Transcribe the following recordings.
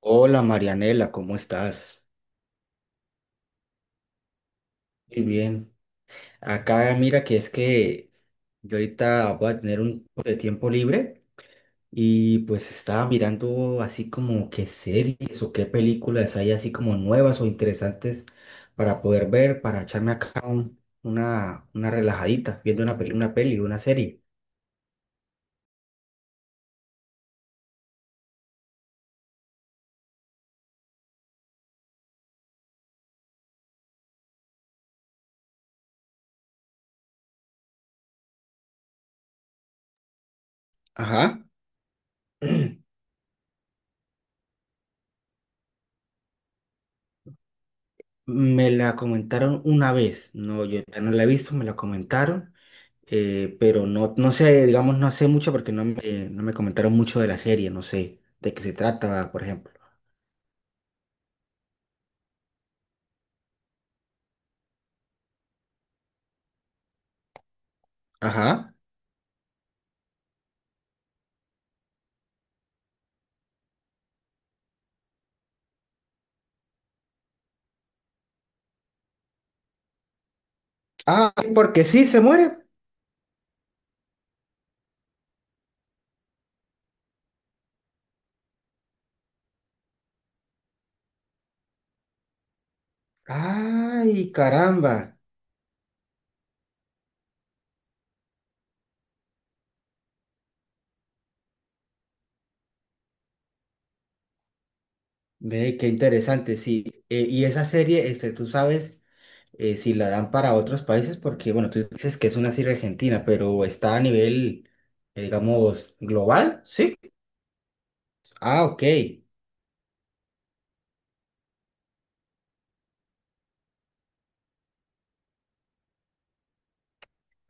Hola, Marianela, ¿cómo estás? Muy bien. Acá mira que es que yo ahorita voy a tener un poco de tiempo libre y pues estaba mirando así como qué series o qué películas hay así como nuevas o interesantes para poder ver, para echarme acá una relajadita, viendo una serie. Ajá. Me la comentaron una vez. No, yo ya no la he visto, me la comentaron. Pero no, no sé, digamos, no sé mucho porque no me comentaron mucho de la serie, no sé de qué se trata, por ejemplo. Ajá. Ah, sí, porque sí, se muere. Ay, caramba. Ve, qué interesante, sí. Y esa serie, este, tú sabes si la dan para otros países, porque, bueno, tú dices que es una serie argentina, pero está a nivel, digamos, global, ¿sí? Ah, ok.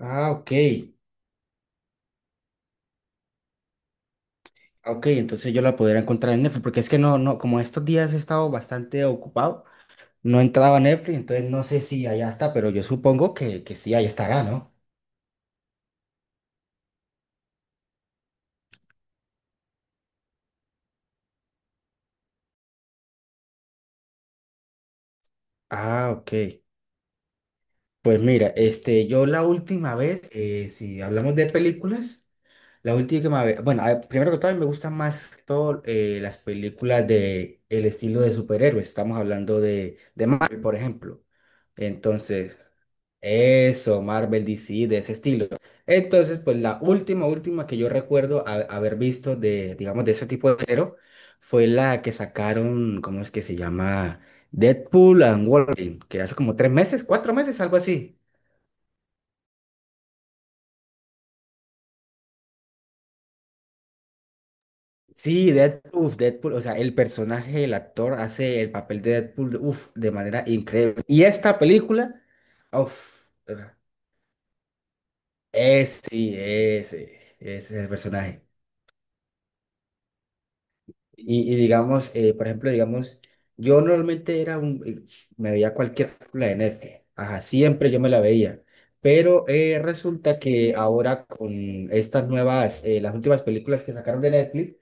Ah, ok. Ok, entonces yo la podría encontrar en Netflix, porque es que no, no, como estos días he estado bastante ocupado, no entraba a Netflix, entonces no sé si allá está, pero yo supongo que sí, ahí estará, ¿no? Ah, ok. Pues mira, este, yo la última vez, si hablamos de películas, la última vez, bueno, primero que todo, me gustan más que todo las películas de el estilo de superhéroes, estamos hablando de Marvel, por ejemplo. Entonces, eso, Marvel, DC, de ese estilo. Entonces, pues la última que yo recuerdo haber visto de, digamos, de ese tipo de género fue la que sacaron, ¿cómo es que se llama? Deadpool and Wolverine, que hace como tres meses, cuatro meses, algo así. Sí, Deadpool, uf, Deadpool, o sea, el personaje, el actor hace el papel de Deadpool, uf, de manera increíble. Y esta película, uf, es, sí, ese es el personaje. Y digamos, por ejemplo, digamos, yo normalmente era me veía cualquier película de Netflix, ajá, siempre yo me la veía, pero resulta que ahora con estas nuevas, las últimas películas que sacaron de Netflix,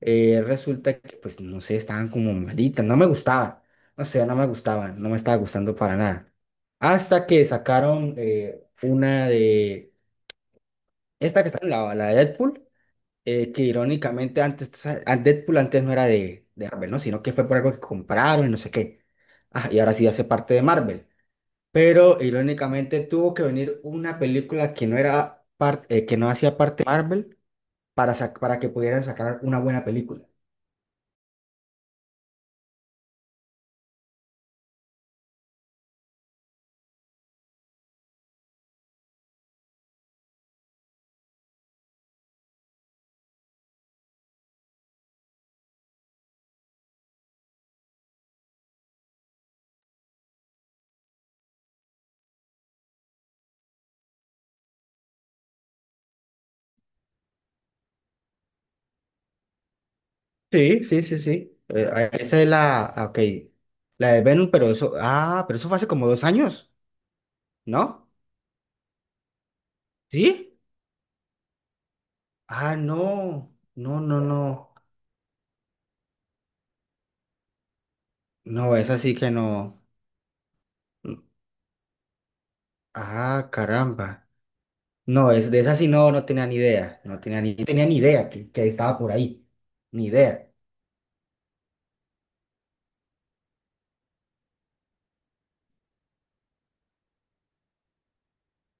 resulta que, pues, no sé, estaban como malitas, no me gustaban, no sé, no me gustaban, no me estaba gustando para nada. Hasta que sacaron una de, esta que está, la de Deadpool que irónicamente antes, a Deadpool antes no era de Marvel, ¿no? Sino que fue por algo que compraron y no sé qué. Ah, y ahora sí hace parte de Marvel. Pero irónicamente tuvo que venir una película que no era parte, que no hacía parte de Marvel para, para que pudieran sacar una buena película. Sí, sí, sí, sí. Esa es la, ah, ok, la de Venom, pero eso, ah, pero eso fue hace como dos años, ¿no? ¿Sí? Ah, no, no, no, no. No, esa sí que no. Ah, caramba. No, es de esa sí no, no tenía ni idea. No tenía ni idea que estaba por ahí. Ni idea.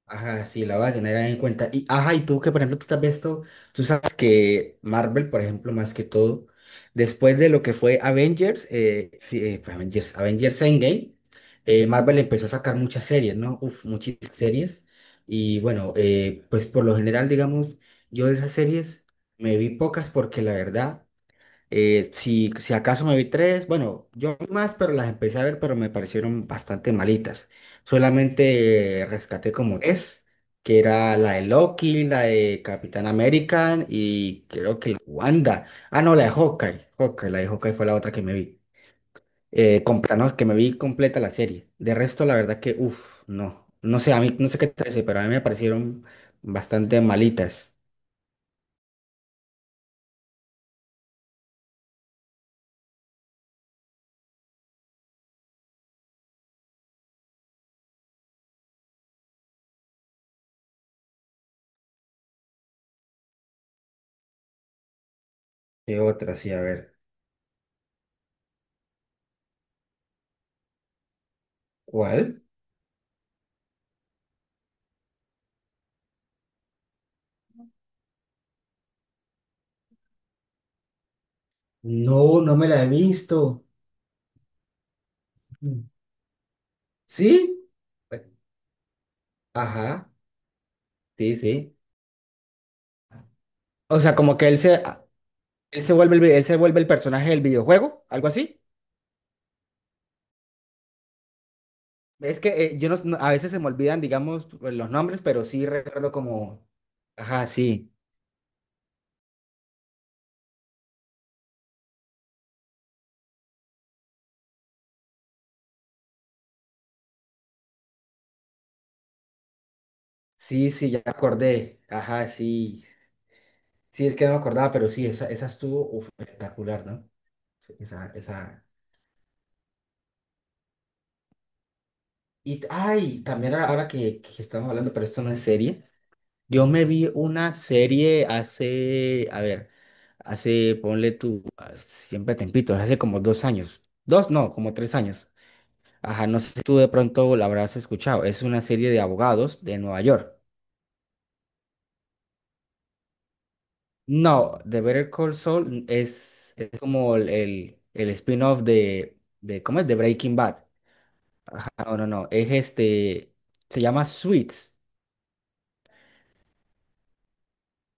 Ajá, sí, la voy a tener ahí en cuenta. Y, ajá, y tú que, por ejemplo, tú te has visto, tú sabes que Marvel, por ejemplo, más que todo, después de lo que fue Avengers, fue Avengers Endgame, Marvel empezó a sacar muchas series, ¿no? Uf, muchísimas series. Y bueno, pues por lo general, digamos, yo de esas series me vi pocas porque la verdad... Si, acaso me vi tres, bueno, yo vi más, pero las empecé a ver, pero me parecieron bastante malitas. Solamente rescaté como tres, que era la de Loki, la de Capitán América y creo que la de Wanda. Ah, no, la de Hawkeye. La de Hawkeye fue la otra que me vi. Completa, no, que me vi completa la serie. De resto, la verdad que, uff, no. No sé, a mí, no sé qué te parece, pero a mí me parecieron bastante malitas. ¿Qué otra? Sí, a ver. ¿Cuál? No, no me la he visto. Mm. ¿Sí? Eh, Ajá, sí, sí. O sea, como que él se vuelve él se vuelve el personaje del videojuego, algo así. Es que yo no, s- no- a veces se me olvidan, digamos, pues, los nombres, pero sí recuerdo como, ajá, sí, sí, sí, ya me acordé, ajá, sí, sí, es que no me acordaba, pero sí, esa estuvo uf, espectacular, ¿no? Sí, esa, esa. Y, ay, también ahora que estamos hablando, pero esto no es serie. Yo me vi una serie hace, a ver, hace, ponle tú, ah, siempre tempitos, hace como dos años, dos, no, como tres años. Ajá, no sé si tú de pronto la habrás escuchado. Es una serie de abogados de Nueva York. No, The Better Call Saul es como el spin-off de, ¿cómo es? De Breaking Bad. Ajá, no, no, no, es este, se llama Suits.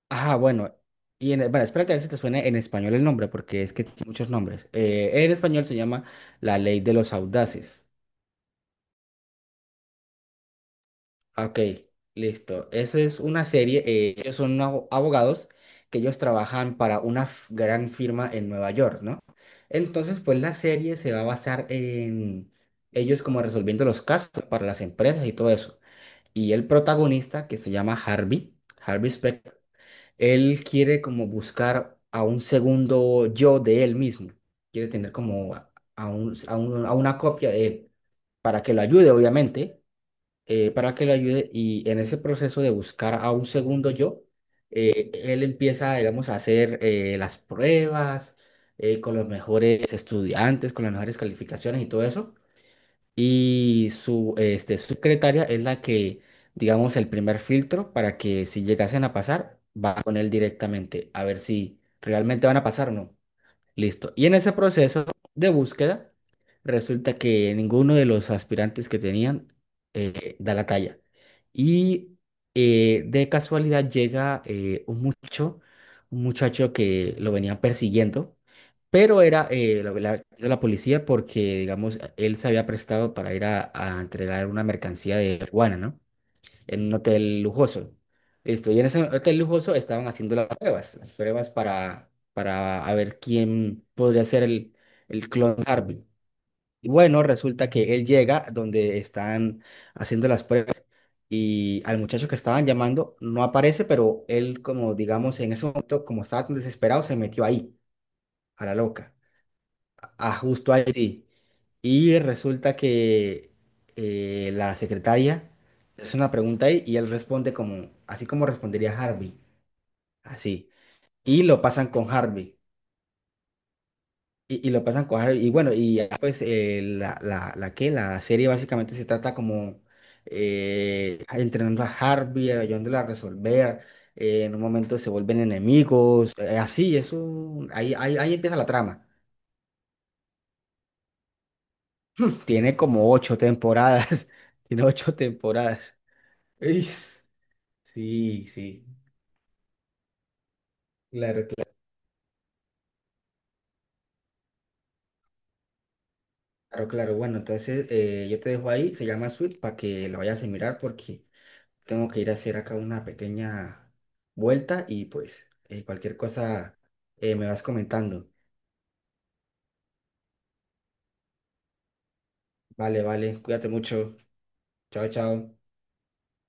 Ah, bueno. Y en, bueno, espero que a veces te suene en español el nombre, porque es que tiene muchos nombres. En español se llama La Ley de los Audaces. Ah, ok, listo. Esa es una serie. Ellos son abogados que ellos trabajan para una gran firma en Nueva York, ¿no? Entonces, pues la serie se va a basar en ellos como resolviendo los casos para las empresas y todo eso. Y el protagonista, que se llama Harvey Specter. Él quiere como buscar a un segundo yo de él mismo. Quiere tener como a, a una copia de él para que lo ayude, obviamente, para que lo ayude. Y en ese proceso de buscar a un segundo yo, él empieza, digamos, a hacer las pruebas con los mejores estudiantes, con las mejores calificaciones y todo eso. Y su este, secretaria es la que, digamos, el primer filtro para que si llegasen a pasar, va con él directamente a ver si realmente van a pasar o no. Listo. Y en ese proceso de búsqueda, resulta que ninguno de los aspirantes que tenían da la talla. Y de casualidad llega un muchacho que lo venían persiguiendo. Pero era la policía porque, digamos, él se había prestado para ir a entregar una mercancía de marihuana, ¿no? En un hotel lujoso. Listo. Y en ese hotel lujoso estaban haciendo las pruebas para a ver quién podría ser el clon de Harvey. Y bueno, resulta que él llega donde están haciendo las pruebas y al muchacho que estaban llamando no aparece, pero él, como digamos, en ese momento, como estaba tan desesperado, se metió ahí, a la loca a justo a Haití. Y resulta que la secretaria le hace una pregunta ahí y él responde como, así como respondería Harvey, así. Y lo pasan con Harvey. Y lo pasan con Harvey. Y bueno, y ya, pues la que la serie básicamente se trata como entrenando a Harvey, ayudándole a resolver. En un momento se vuelven enemigos. Así, eso, ahí empieza la trama. Tiene como ocho temporadas. Tiene ocho temporadas. Is. Sí, sí. Claro, claro, claro. Claro. Bueno, entonces yo te dejo ahí. Se llama Sweet para que lo vayas a mirar porque tengo que ir a hacer acá una pequeña vuelta y pues cualquier cosa me vas comentando. Vale, vale. Cuídate mucho. Chao, chao.